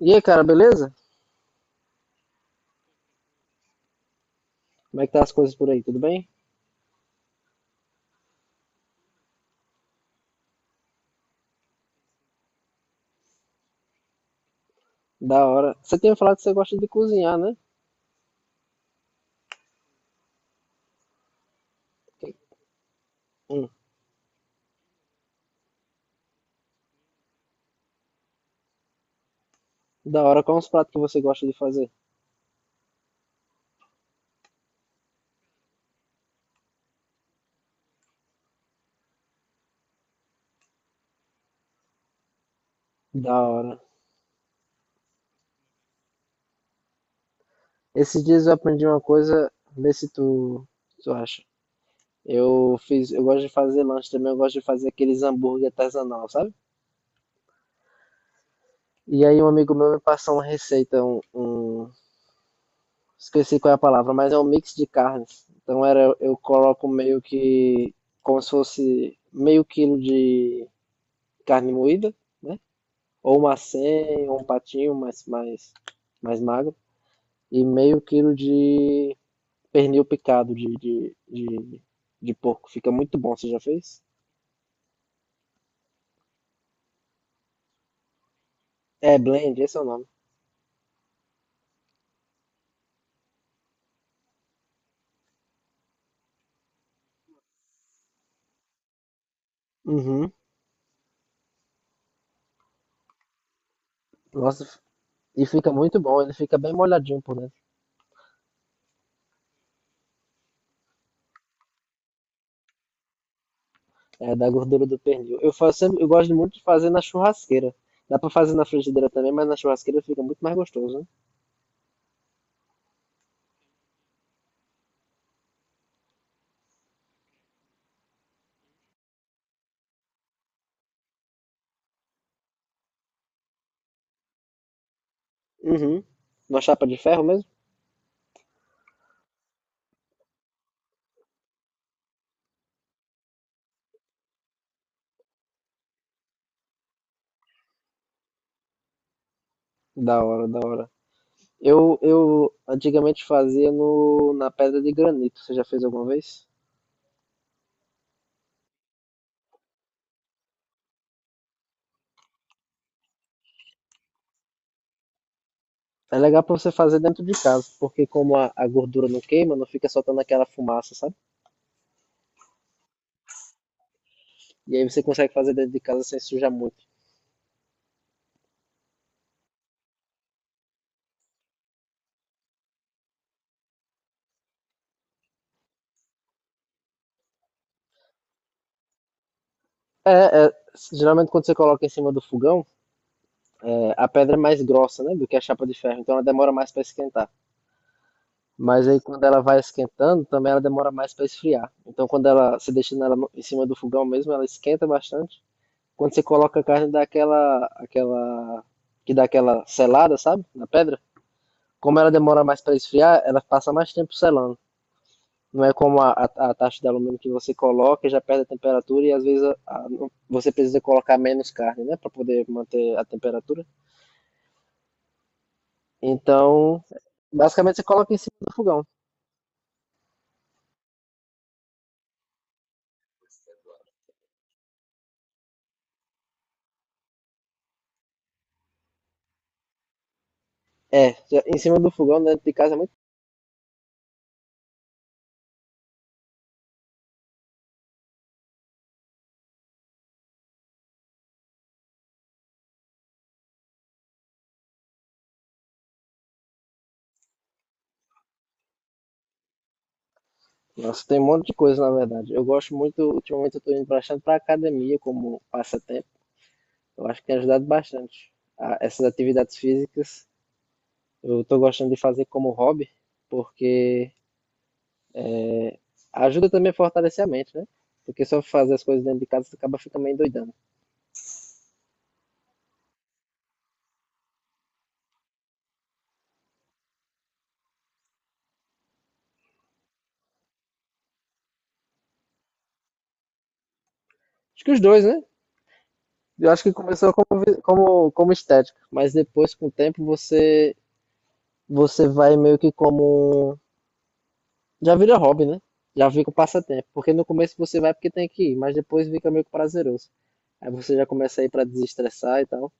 E aí, cara, beleza? Como é que tá as coisas por aí? Tudo bem? Da hora. Você tinha falado que você gosta de cozinhar, né? Hum. Da hora. Quais os pratos que você gosta de fazer? Da hora. Esses dias eu aprendi uma coisa, vê se tu, tu acha. Eu gosto de fazer lanche também, eu gosto de fazer aqueles hambúrguer artesanal, sabe? E aí um amigo meu me passou uma receita, esqueci qual é a palavra, mas é um mix de carnes. Então era, eu coloco meio que como se fosse meio quilo de carne moída, né? Ou uma senha, ou um patinho mais, mais magro, e meio quilo de pernil picado de porco. Fica muito bom, você já fez? É, blend, esse é o nome. Uhum. Nossa, e fica muito bom, ele fica bem molhadinho por dentro, é, da gordura do pernil. Eu faço sempre, eu gosto muito de fazer na churrasqueira. Dá pra fazer na frigideira também, mas na churrasqueira fica muito mais gostoso, né? Uhum. Uma chapa de ferro mesmo? Da hora, da hora. Eu antigamente fazia no, na pedra de granito. Você já fez alguma vez? É legal pra você fazer dentro de casa, porque como a gordura não queima, não fica soltando aquela fumaça, sabe? E aí você consegue fazer dentro de casa sem sujar muito. É, é, geralmente quando você coloca em cima do fogão, é, a pedra é mais grossa, né, do que a chapa de ferro, então ela demora mais para esquentar. Mas aí quando ela vai esquentando, também ela demora mais para esfriar. Então quando ela se deixa nela em cima do fogão mesmo, ela esquenta bastante. Quando você coloca a carne dá aquela que dá aquela selada, sabe? Na pedra. Como ela demora mais para esfriar, ela passa mais tempo selando. Não é como a taxa de alumínio que você coloca, e já perde a temperatura e às vezes você precisa colocar menos carne, né, para poder manter a temperatura. Então, basicamente você coloca em cima do fogão. É, já- em cima do fogão, dentro de casa é muito. Nossa, tem um monte de coisa, na verdade. Eu gosto muito, ultimamente eu tô indo bastante pra academia como passatempo. Eu acho que tem ajudado bastante. Essas atividades físicas eu estou gostando de fazer como hobby, porque ajuda também a fortalecer a mente, né? Porque só fazer as coisas dentro de casa você acaba ficando meio doidando. Acho que os dois, né? Eu acho que começou como, como estética, mas depois, com o tempo, você, você vai meio que como. Um, já vira hobby, né? Já fica um passatempo. Porque no começo você vai porque tem que ir, mas depois fica meio que prazeroso. Aí você já começa a ir para desestressar e tal.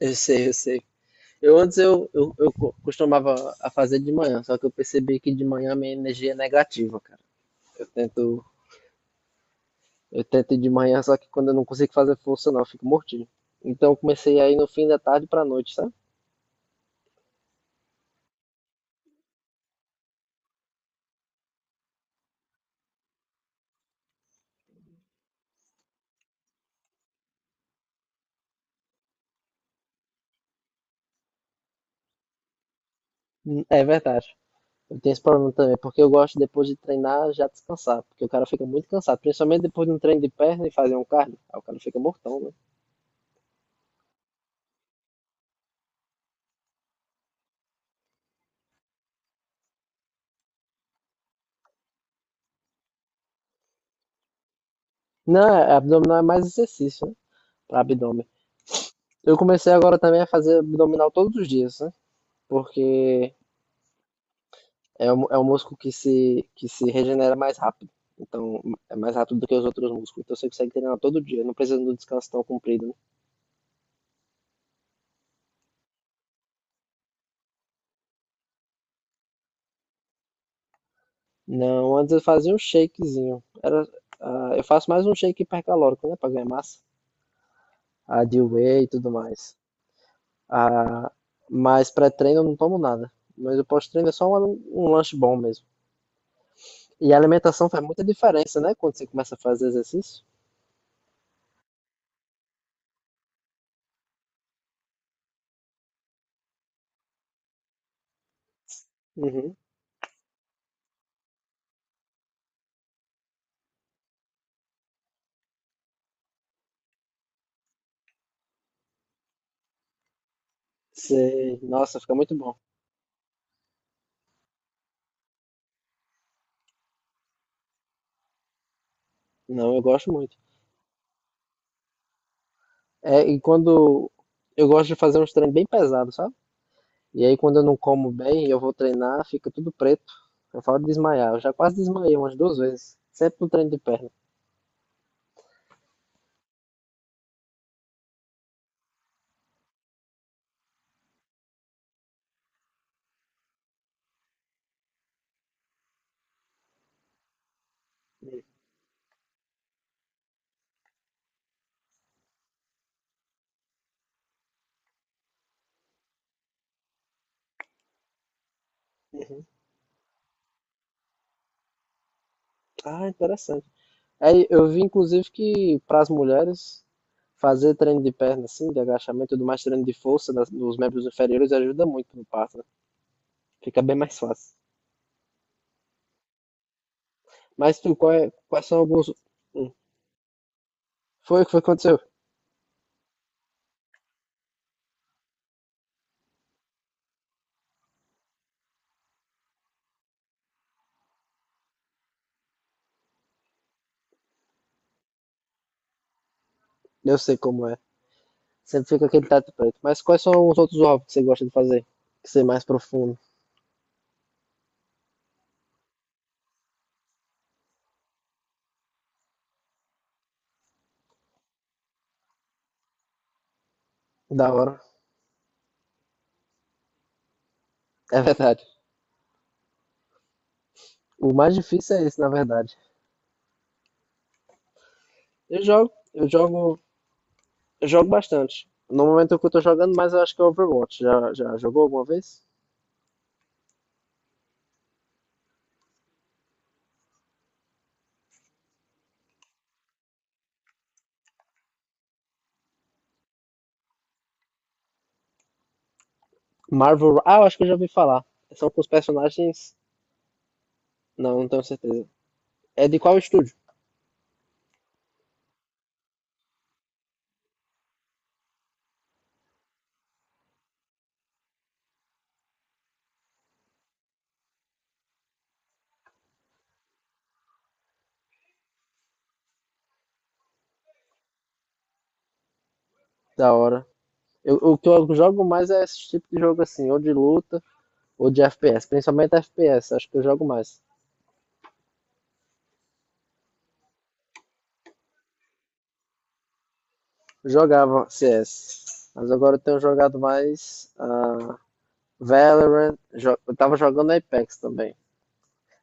Eu sei, eu sei. Eu antes costumava a fazer de manhã, só que eu percebi que de manhã minha energia é negativa, cara. Eu tento, eu tento ir de manhã, só que quando eu não consigo fazer força não, eu fico mortinho. Então eu comecei aí no fim da tarde pra noite, sabe? É verdade. Eu tenho esse problema também, porque eu gosto depois de treinar já descansar, porque o cara fica muito cansado, principalmente depois de um treino de perna e fazer um cardio, aí o cara fica mortão, né? Não, é, abdominal é mais exercício, né? Pra abdômen. Eu comecei agora também a fazer abdominal todos os dias, né? Porque é um, é um músculo que se regenera mais rápido. Então, é mais rápido do que os outros músculos. Então, você consegue treinar todo dia. Não precisa de um descanso tão comprido, né? Não, antes eu fazia um shakezinho. Era, ah, eu faço mais um shake hipercalórico, né? Pra ganhar massa. A de whey e tudo mais. Ah, mas pré-treino eu não tomo nada. Mas o pós-treino é só um lanche bom mesmo. E a alimentação faz muita diferença, né? Quando você começa a fazer exercício. Uhum. Sei. Nossa, fica muito bom. Não, eu gosto muito. É, e quando eu gosto de fazer uns treinos bem pesados, sabe? E aí quando eu não como bem, eu vou treinar, fica tudo preto. Eu falo de desmaiar. Eu já quase desmaiei umas duas vezes. Sempre no treino de perna. Ah, interessante. Aí eu vi, inclusive, que para as mulheres fazer treino de perna, assim, de agachamento e tudo mais, treino de força dos membros inferiores ajuda muito no parto, né? Fica bem mais fácil. Mas tu, quais são alguns. Hum, Foi o que foi que aconteceu? Eu sei como é. Sempre fica aquele teto preto. Mas quais são os outros hobbies que você gosta de fazer? Que ser mais profundo, da hora. É verdade. O mais difícil é esse, na verdade. Eu jogo, eu jogo, eu jogo bastante. No momento que eu tô jogando, mas eu acho que é Overwatch. Já jogou alguma vez? Marvel. Ah, eu acho que eu já ouvi falar. São com os personagens. Não, não tenho certeza. É de qual estúdio? Da hora. Eu, o que eu jogo mais é esse tipo de jogo assim, ou de luta, ou de FPS. Principalmente FPS, acho que eu jogo mais. Jogava CS, mas agora eu tenho jogado mais Valorant. Eu tava jogando Apex também,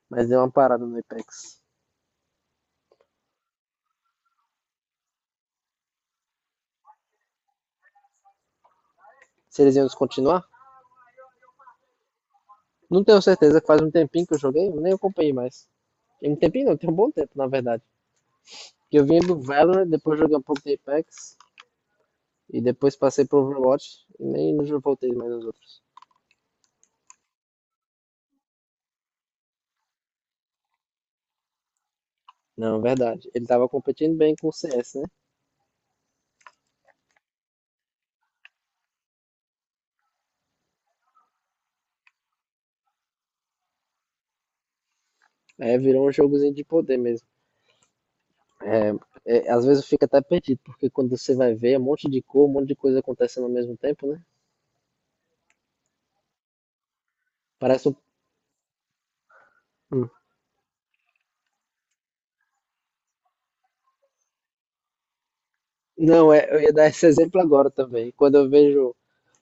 mas deu uma parada no Apex. Se eles iam descontinuar? Não tenho certeza, faz um tempinho que eu joguei, eu nem acompanhei mais. Tem um tempinho não, tem um bom tempo, na verdade. Porque eu vim do Valorant, depois joguei um pouco de Apex, e depois passei pro Overwatch, e nem já voltei mais nos outros. Não, verdade. Ele tava competindo bem com o CS, né? Aí virou um jogozinho de poder mesmo. É, às vezes fica até perdido, porque quando você vai ver, é um monte de cor, um monte de coisa acontecendo ao mesmo tempo, né? Parece um. Hum. Não, é, eu ia dar esse exemplo agora também. Quando eu vejo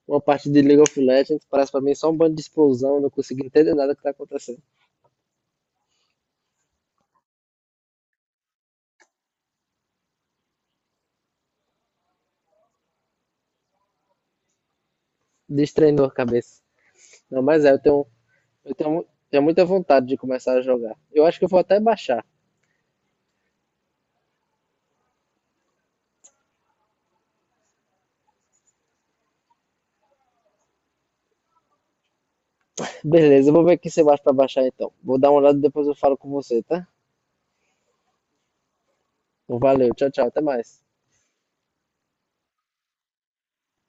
uma parte de League of Legends, parece pra mim só um bando de explosão, eu não consigo entender nada que tá acontecendo. Destreinou a cabeça. Não, mas é, eu tenho, tenho muita vontade de começar a jogar. Eu acho que eu vou até baixar. Beleza, eu vou ver aqui se eu baixo pra baixar então. Vou dar uma olhada e depois eu falo com você, tá? Então, valeu, tchau, tchau, até mais.